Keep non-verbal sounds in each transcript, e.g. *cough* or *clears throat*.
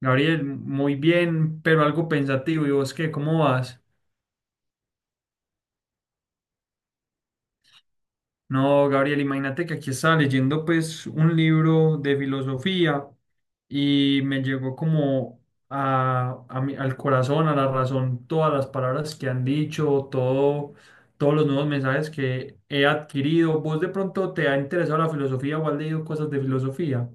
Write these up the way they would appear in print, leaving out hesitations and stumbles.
Gabriel, muy bien, pero algo pensativo. ¿Y vos qué? ¿Cómo vas? No, Gabriel, imagínate que aquí estaba leyendo pues un libro de filosofía y me llegó como al corazón, a la razón, todas las palabras que han dicho, todo, todos los nuevos mensajes que he adquirido. ¿Vos de pronto te ha interesado la filosofía o has leído cosas de filosofía?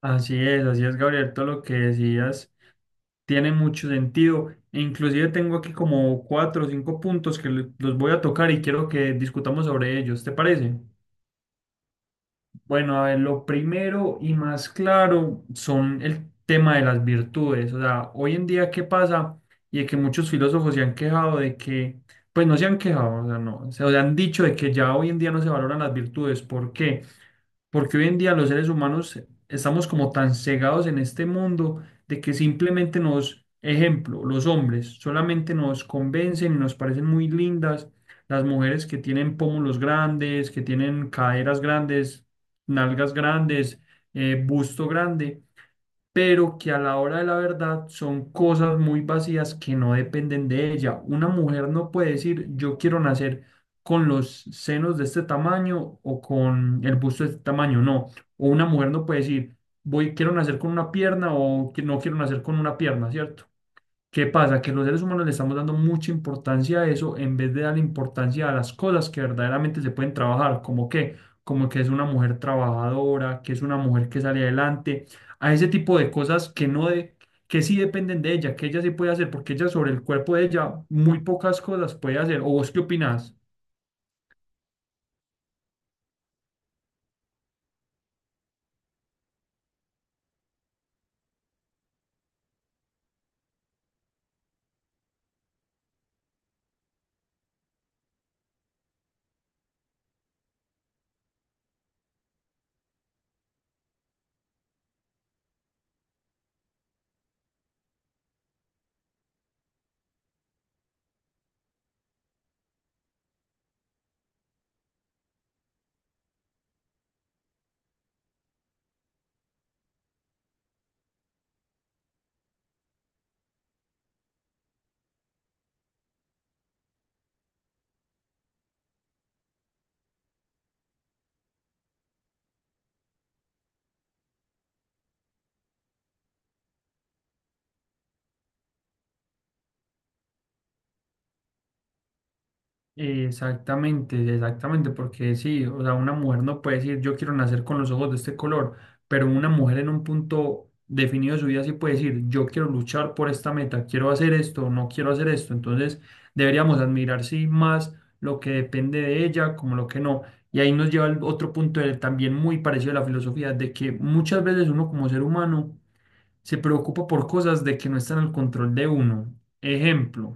Así es, Gabriel, todo lo que decías. Tiene mucho sentido. E inclusive tengo aquí como cuatro o cinco puntos que los voy a tocar y quiero que discutamos sobre ellos. ¿Te parece? Bueno, a ver, lo primero y más claro son el tema de las virtudes. O sea, hoy en día, ¿qué pasa? Y de que muchos filósofos se han quejado de que, pues no se han quejado, o sea, no, se o sea, han dicho de que ya hoy en día no se valoran las virtudes. ¿Por qué? Porque hoy en día los seres humanos estamos como tan cegados en este mundo de que simplemente nos, ejemplo, los hombres solamente nos convencen y nos parecen muy lindas las mujeres que tienen pómulos grandes, que tienen caderas grandes, nalgas grandes, busto grande, pero que a la hora de la verdad son cosas muy vacías que no dependen de ella. Una mujer no puede decir yo quiero nacer con los senos de este tamaño o con el busto de este tamaño, no. O una mujer no puede decir voy quiero nacer con una pierna o que no quiero nacer con una pierna, ¿cierto? ¿Qué pasa? Que los seres humanos le estamos dando mucha importancia a eso en vez de dar importancia a las cosas que verdaderamente se pueden trabajar, como que es una mujer trabajadora, que es una mujer que sale adelante, a ese tipo de cosas que no de, que sí dependen de ella, que ella sí puede hacer, porque ella sobre el cuerpo de ella muy pocas cosas puede hacer. ¿O vos qué opinás? Exactamente, exactamente, porque sí, o sea, una mujer no puede decir yo quiero nacer con los ojos de este color, pero una mujer en un punto definido de su vida sí puede decir yo quiero luchar por esta meta, quiero hacer esto, no quiero hacer esto, entonces deberíamos admirar sí más lo que depende de ella como lo que no. Y ahí nos lleva al otro punto, también muy parecido a la filosofía, de que muchas veces uno como ser humano se preocupa por cosas de que no están al control de uno. Ejemplo,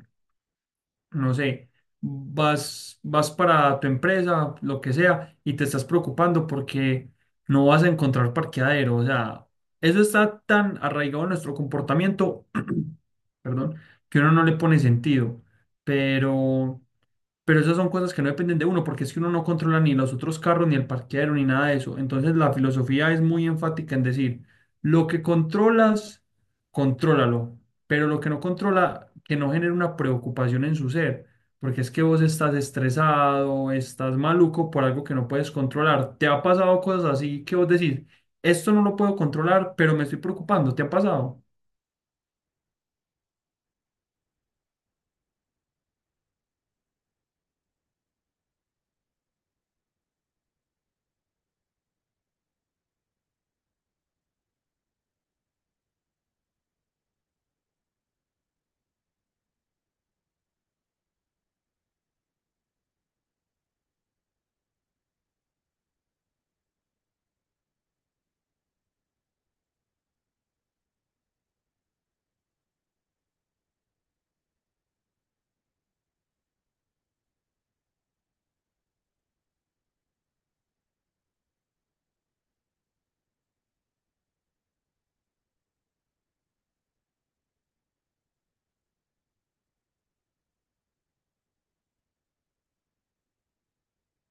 no sé, vas para tu empresa, lo que sea, y te estás preocupando porque no vas a encontrar parqueadero. O sea, eso está tan arraigado en nuestro comportamiento, *clears throat* perdón, que uno no le pone sentido. Pero pero esas son cosas que no dependen de uno, porque es que uno no controla ni los otros carros, ni el parqueadero, ni nada de eso. Entonces la filosofía es muy enfática en decir, lo que controlas, contrólalo, pero lo que no controla, que no genere una preocupación en su ser, porque es que vos estás estresado, estás maluco por algo que no puedes controlar. ¿Te ha pasado cosas así que vos decís, esto no lo puedo controlar, pero me estoy preocupando? ¿Te ha pasado?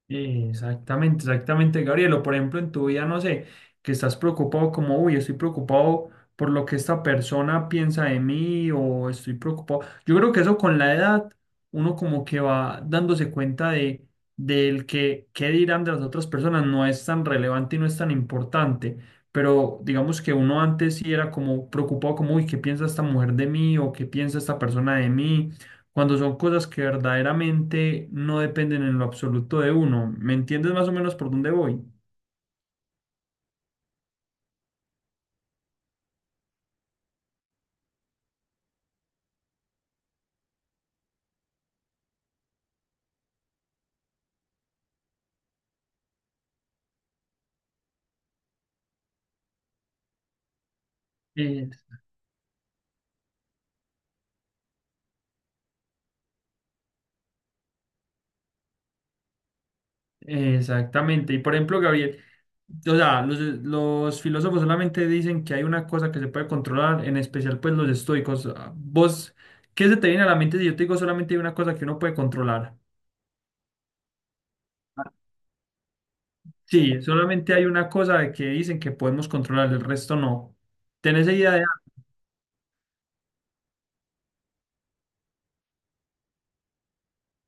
Exactamente, exactamente, Gabriel. O por ejemplo, en tu vida, no sé, que estás preocupado como, uy, estoy preocupado por lo que esta persona piensa de mí o estoy preocupado. Yo creo que eso con la edad, uno como que va dándose cuenta de del que qué dirán de las otras personas no es tan relevante y no es tan importante. Pero digamos que uno antes sí era como preocupado como, uy, ¿qué piensa esta mujer de mí o qué piensa esta persona de mí? Cuando son cosas que verdaderamente no dependen en lo absoluto de uno. ¿Me entiendes más o menos por dónde voy? Es- Exactamente. Y por ejemplo, Gabriel, o sea, los filósofos solamente dicen que hay una cosa que se puede controlar, en especial pues los estoicos. Ah, ¿vos qué se te viene a la mente si yo te digo solamente hay una cosa que uno puede controlar? Sí, solamente hay una cosa que dicen que podemos controlar, el resto no. ¿Tenés idea?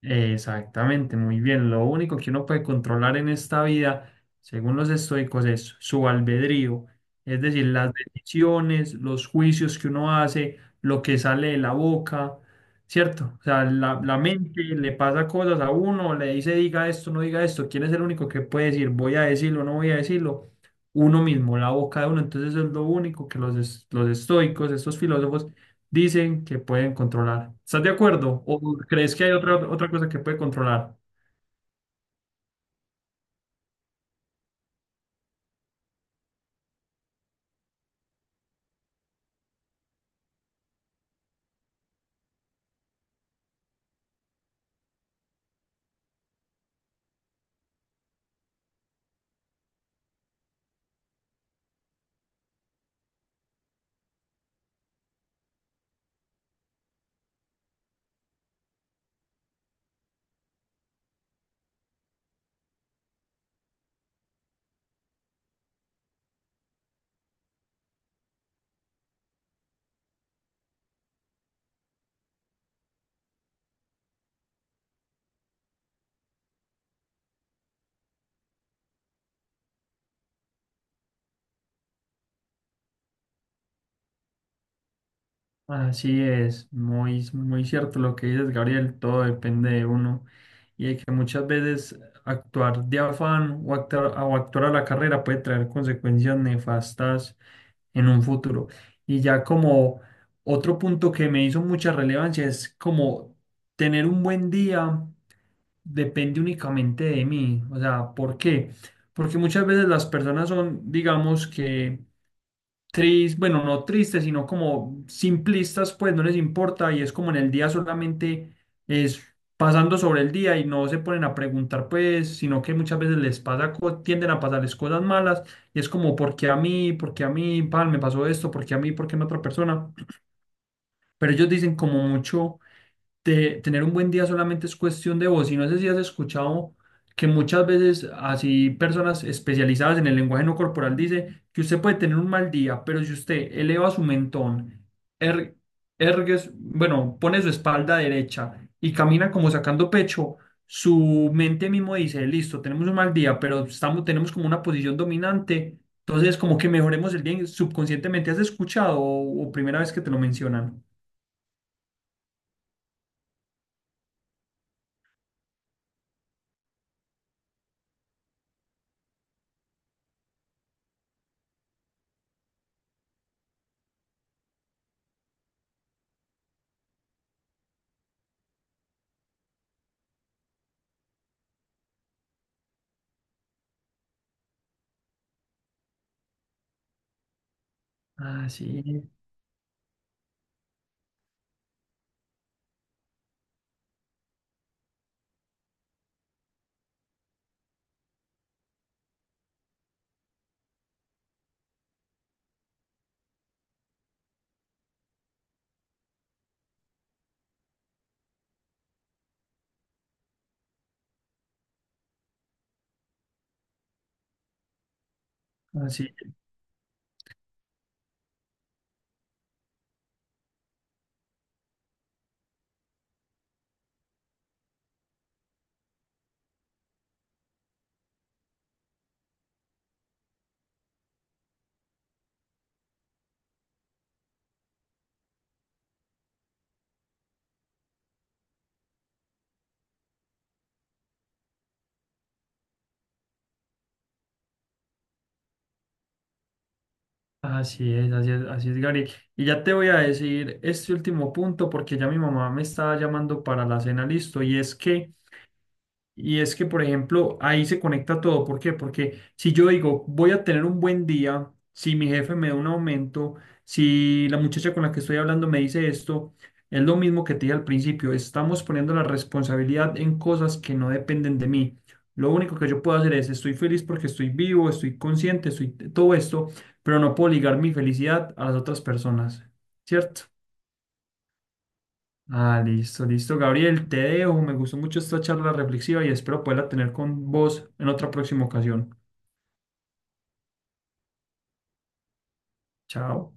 Exactamente, muy bien. Lo único que uno puede controlar en esta vida, según los estoicos, es su albedrío, es decir, las decisiones, los juicios que uno hace, lo que sale de la boca, ¿cierto? O sea, la mente le pasa cosas a uno, le dice diga esto, no diga esto. ¿Quién es el único que puede decir voy a decirlo, no voy a decirlo? Uno mismo, la boca de uno. Entonces, eso es lo único que los estoicos, estos filósofos, dicen que pueden controlar. ¿Estás de acuerdo? ¿O crees que hay otra, otra cosa que puede controlar? Así es, muy, muy cierto lo que dices, Gabriel, todo depende de uno y de que muchas veces actuar de afán o actuar a la carrera puede traer consecuencias nefastas en un futuro. Y ya como otro punto que me hizo mucha relevancia es como tener un buen día depende únicamente de mí. O sea, ¿por qué? Porque muchas veces las personas son, digamos que tristes, bueno, no tristes, sino como simplistas, pues no les importa y es como en el día solamente es pasando sobre el día y no se ponen a preguntar, pues, sino que muchas veces les pasa, tienden a pasarles cosas malas y es como, ¿por qué a mí? ¿Por qué a mí? Pan, me pasó esto, ¿por qué a mí? ¿Por qué a otra persona? Pero ellos dicen como mucho tener un buen día solamente es cuestión de voz. Y no sé si has escuchado que muchas veces así personas especializadas en el lenguaje no corporal dice que usted puede tener un mal día, pero si usted eleva su mentón, er- ergue bueno, pone su espalda derecha y camina como sacando pecho, su mente mismo dice, listo, tenemos un mal día, pero estamos, tenemos como una posición dominante. Entonces, como que mejoremos el día subconscientemente. ¿Has escuchado o primera vez que te lo mencionan? Ah, sí, así. Así es, así es, así es, Gary. Y ya te voy a decir este último punto porque ya mi mamá me estaba llamando para la cena, listo. Y es que, por ejemplo, ahí se conecta todo. ¿Por qué? Porque si yo digo, voy a tener un buen día, si mi jefe me da un aumento, si la muchacha con la que estoy hablando me dice esto, es lo mismo que te dije al principio. Estamos poniendo la responsabilidad en cosas que no dependen de mí. Lo único que yo puedo hacer es, estoy feliz porque estoy vivo, estoy consciente, estoy todo esto, pero no puedo ligar mi felicidad a las otras personas, ¿cierto? Ah, listo, listo, Gabriel, te dejo. Me gustó mucho esta charla reflexiva y espero poderla tener con vos en otra próxima ocasión. Chao.